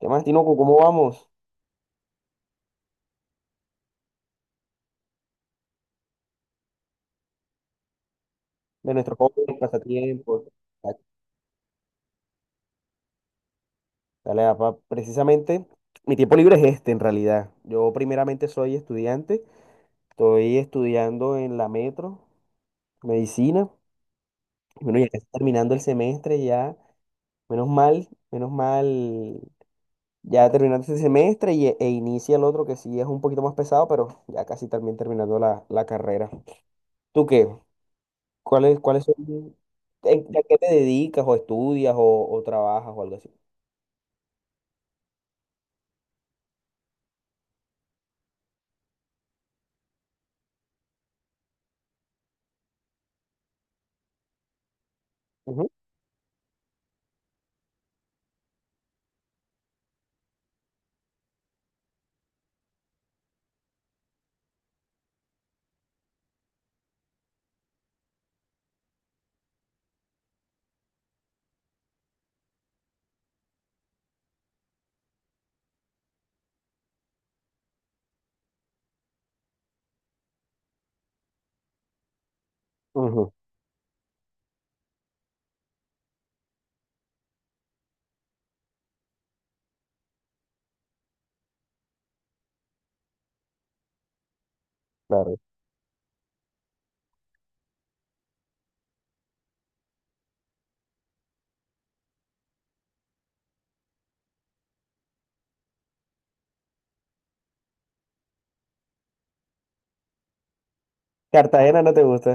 ¿Qué más, Tinoco? ¿Cómo vamos? De nuestros hobbies, pasatiempos. Dale, papá. Precisamente, mi tiempo libre es este, en realidad. Yo primeramente soy estudiante. Estoy estudiando en la Metro, medicina. Bueno, ya casi terminando el semestre, ya. Menos mal, menos mal. Ya terminando este semestre e inicia el otro que sí es un poquito más pesado, pero ya casi también terminando la carrera. ¿Tú qué? ¿Cuáles son? ¿A qué te dedicas o estudias o trabajas o algo así? Ujú, claro. Cartagena no te gusta.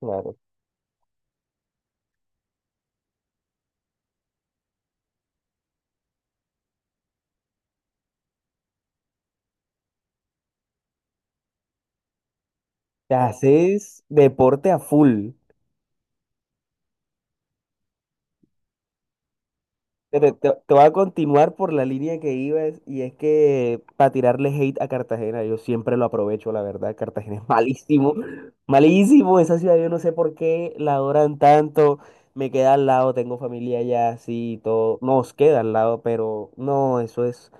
Claro. Te haces deporte a full. Pero te voy a continuar por la línea que ibas, y es que para tirarle hate a Cartagena, yo siempre lo aprovecho, la verdad. Cartagena es malísimo, malísimo. Esa ciudad yo no sé por qué la adoran tanto. Me queda al lado, tengo familia allá, así y todo. Nos queda al lado, pero no, eso es.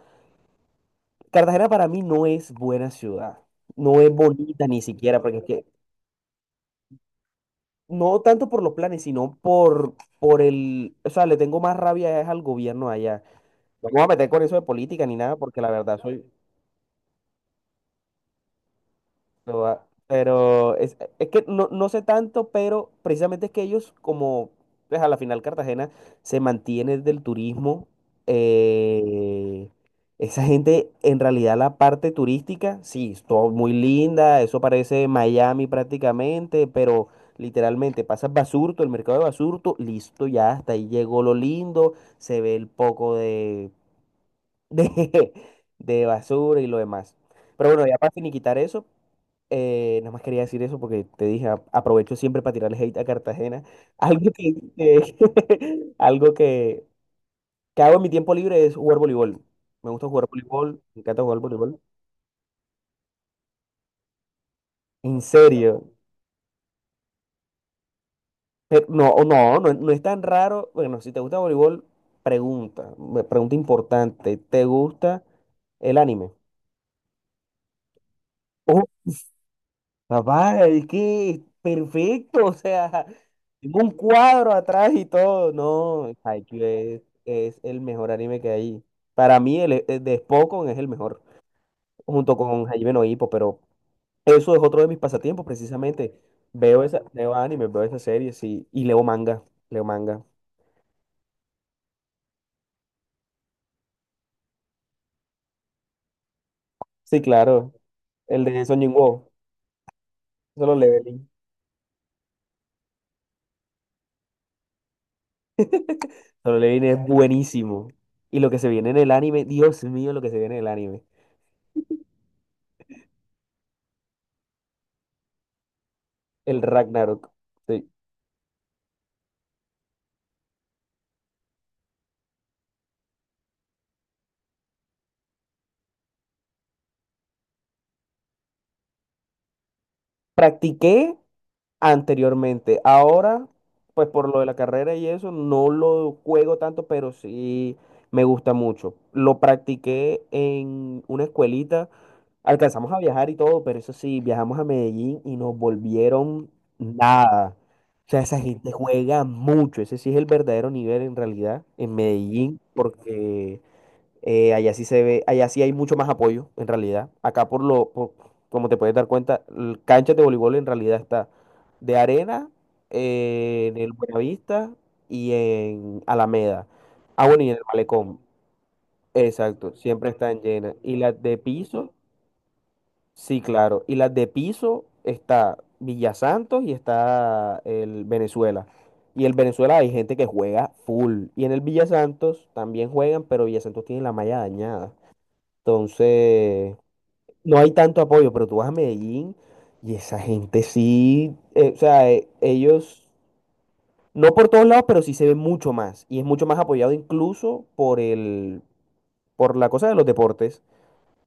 Cartagena para mí no es buena ciudad. No es bonita ni siquiera, porque es que no tanto por los planes, sino por el, o sea, le tengo más rabia es al gobierno allá. No me voy a meter con eso de política ni nada, porque la verdad soy, pero es, que no sé tanto, pero precisamente es que ellos, como pues a la final Cartagena se mantiene del turismo, eh, esa gente en realidad la parte turística, sí, es todo muy linda, eso parece Miami prácticamente, pero literalmente pasas Basurto, el mercado de Basurto, listo, ya hasta ahí llegó lo lindo, se ve el poco de, de, de basura y lo demás. Pero bueno, ya para finiquitar eso. Nada más quería decir eso porque te dije, aprovecho siempre para tirarle hate a Cartagena. Algo que, que- Algo que hago en mi tiempo libre es jugar voleibol. Me gusta jugar voleibol, me encanta jugar voleibol. En serio. Pero no, o no, no, no es tan raro. Bueno, si te gusta voleibol, pregunta, pregunta importante. ¿Te gusta el anime? Papá, es que es perfecto, o sea, tengo un cuadro atrás y todo. No, Haikyuu es el mejor anime que hay. Para mí, el de Spokon es el mejor, junto con Hajime no Ippo, pero eso es otro de mis pasatiempos, precisamente. Veo esa, veo anime, veo esas series y leo manga, leo manga. Sí, claro, el de Song Jin-woo, Solo Leveling. Solo Leveling es buenísimo. Y lo que se viene en el anime, Dios mío, lo que se viene en el anime, el Ragnarok. Sí. Practiqué anteriormente. Ahora, pues por lo de la carrera y eso, no lo juego tanto, pero sí me gusta mucho. Lo practiqué en una escuelita. Alcanzamos a viajar y todo, pero eso sí, viajamos a Medellín y nos volvieron nada. O sea, esa gente juega mucho. Ese sí es el verdadero nivel en realidad en Medellín, porque allá sí se ve, allá sí hay mucho más apoyo, en realidad. Acá por como te puedes dar cuenta, canchas de voleibol en realidad está de arena, en el Buenavista y en Alameda. Ah, bueno, y en el Malecón. Exacto, siempre están llenas. Y las de piso, sí, claro. Y las de piso está Villa Santos y está el Venezuela. Y el Venezuela hay gente que juega full. Y en el Villa Santos también juegan, pero Villa Santos tiene la malla dañada. Entonces, no hay tanto apoyo, pero tú vas a Medellín y esa gente sí, o sea, ellos, no por todos lados, pero sí se ve mucho más. Y es mucho más apoyado incluso por la cosa de los deportes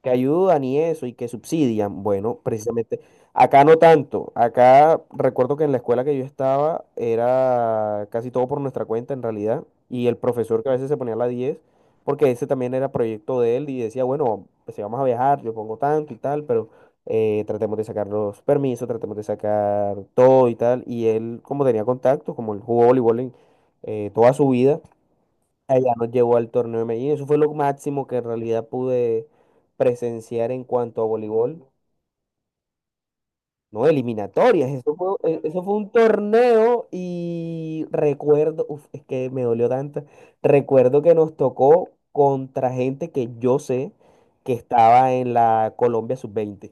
que ayudan y eso y que subsidian. Bueno, precisamente acá no tanto. Acá recuerdo que en la escuela que yo estaba era casi todo por nuestra cuenta en realidad, y el profesor que a veces se ponía a la diez, porque ese también era proyecto de él y decía, bueno, pues si vamos a viajar, yo pongo tanto y tal, pero tratemos de sacar los permisos, tratemos de sacar todo y tal. Y él, como tenía contacto, como él jugó voleibol en, toda su vida, ella nos llevó al torneo de Medellín. Eso fue lo máximo que en realidad pude presenciar en cuanto a voleibol. No, eliminatorias. Eso fue un torneo y recuerdo, uf, es que me dolió tanto. Recuerdo que nos tocó contra gente que yo sé que estaba en la Colombia sub-20.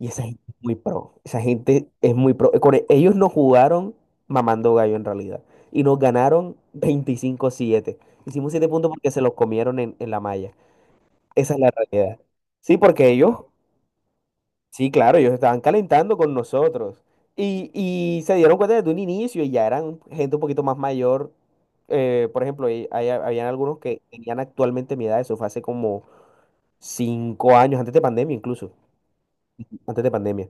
Y esa gente es muy pro. Esa gente es muy pro. Con ellos nos jugaron mamando gallo en realidad. Y nos ganaron 25-7. Hicimos siete puntos porque se los comieron en, la malla. Esa es la realidad. Sí, porque ellos, sí, claro, ellos estaban calentando con nosotros. Y se dieron cuenta desde un inicio, y ya eran gente un poquito más mayor. Por ejemplo, y habían algunos que tenían actualmente mi edad. Eso fue hace como 5 años, antes de pandemia incluso. Antes de pandemia.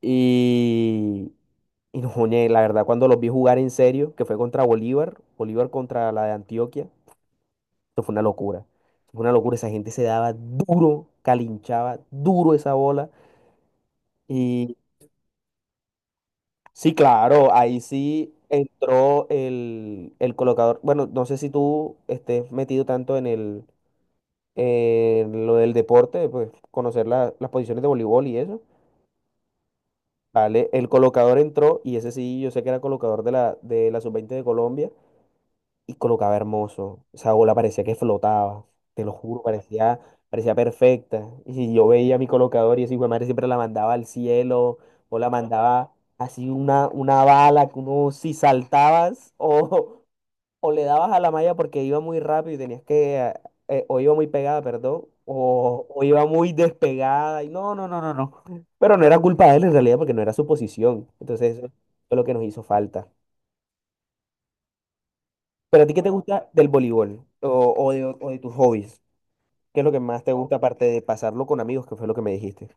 Y, y no, ñe, la verdad, cuando los vi jugar en serio, que fue contra Bolívar, Bolívar contra la de Antioquia, eso fue una locura. Eso fue una locura, esa gente se daba duro, calinchaba duro esa bola. Y sí, claro, ahí sí entró el colocador. Bueno, no sé si tú estés metido tanto en el en lo del deporte, pues conocer las posiciones de voleibol y eso. Vale, el colocador entró y ese sí, yo sé que era colocador de la sub-20 de Colombia. Y colocaba hermoso. Esa bola parecía que flotaba, te lo juro, parecía, perfecta. Y si yo veía mi colocador y ese hijo de madre siempre la mandaba al cielo, o la mandaba así una bala que uno si saltabas o le dabas a la malla porque iba muy rápido y tenías que, o iba muy pegada, perdón. O iba muy despegada y no, no, no, no, no. Pero no era culpa de él en realidad porque no era su posición. Entonces eso fue lo que nos hizo falta. Pero a ti, ¿qué te gusta del voleibol o de tus hobbies? ¿Qué es lo que más te gusta aparte de pasarlo con amigos, que fue lo que me dijiste?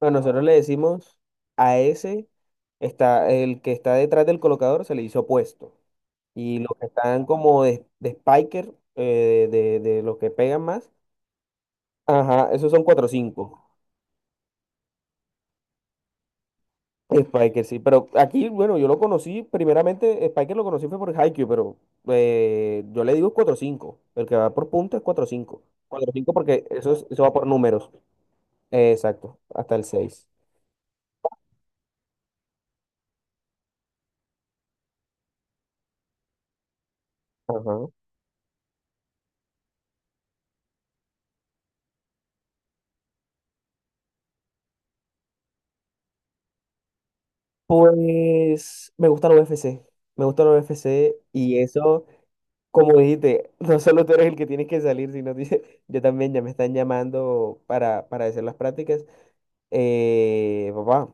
Bueno, nosotros le decimos a ese, está, el que está detrás del colocador se le hizo puesto. Y los que están como de spiker, de los que pegan más, ajá, esos son 4 cinco. Spiker, sí, pero aquí, bueno, yo lo conocí, primeramente, Spiker lo conocí fue por Haikyuu, pero yo le digo cuatro cinco, el que va por punto es cuatro cinco, cuatro cinco porque eso, eso va por números. Exacto, hasta el seis. Ajá. Pues me gusta la UFC. Me gusta la U F C, y eso, como dijiste, no solo tú eres el que tienes que salir, sino dice, yo también ya me están llamando para, hacer las prácticas. Papá,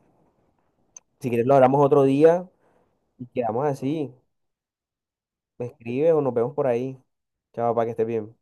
si quieres lo hablamos otro día y quedamos así. Me escribes o nos vemos por ahí. Chao, para que estés bien.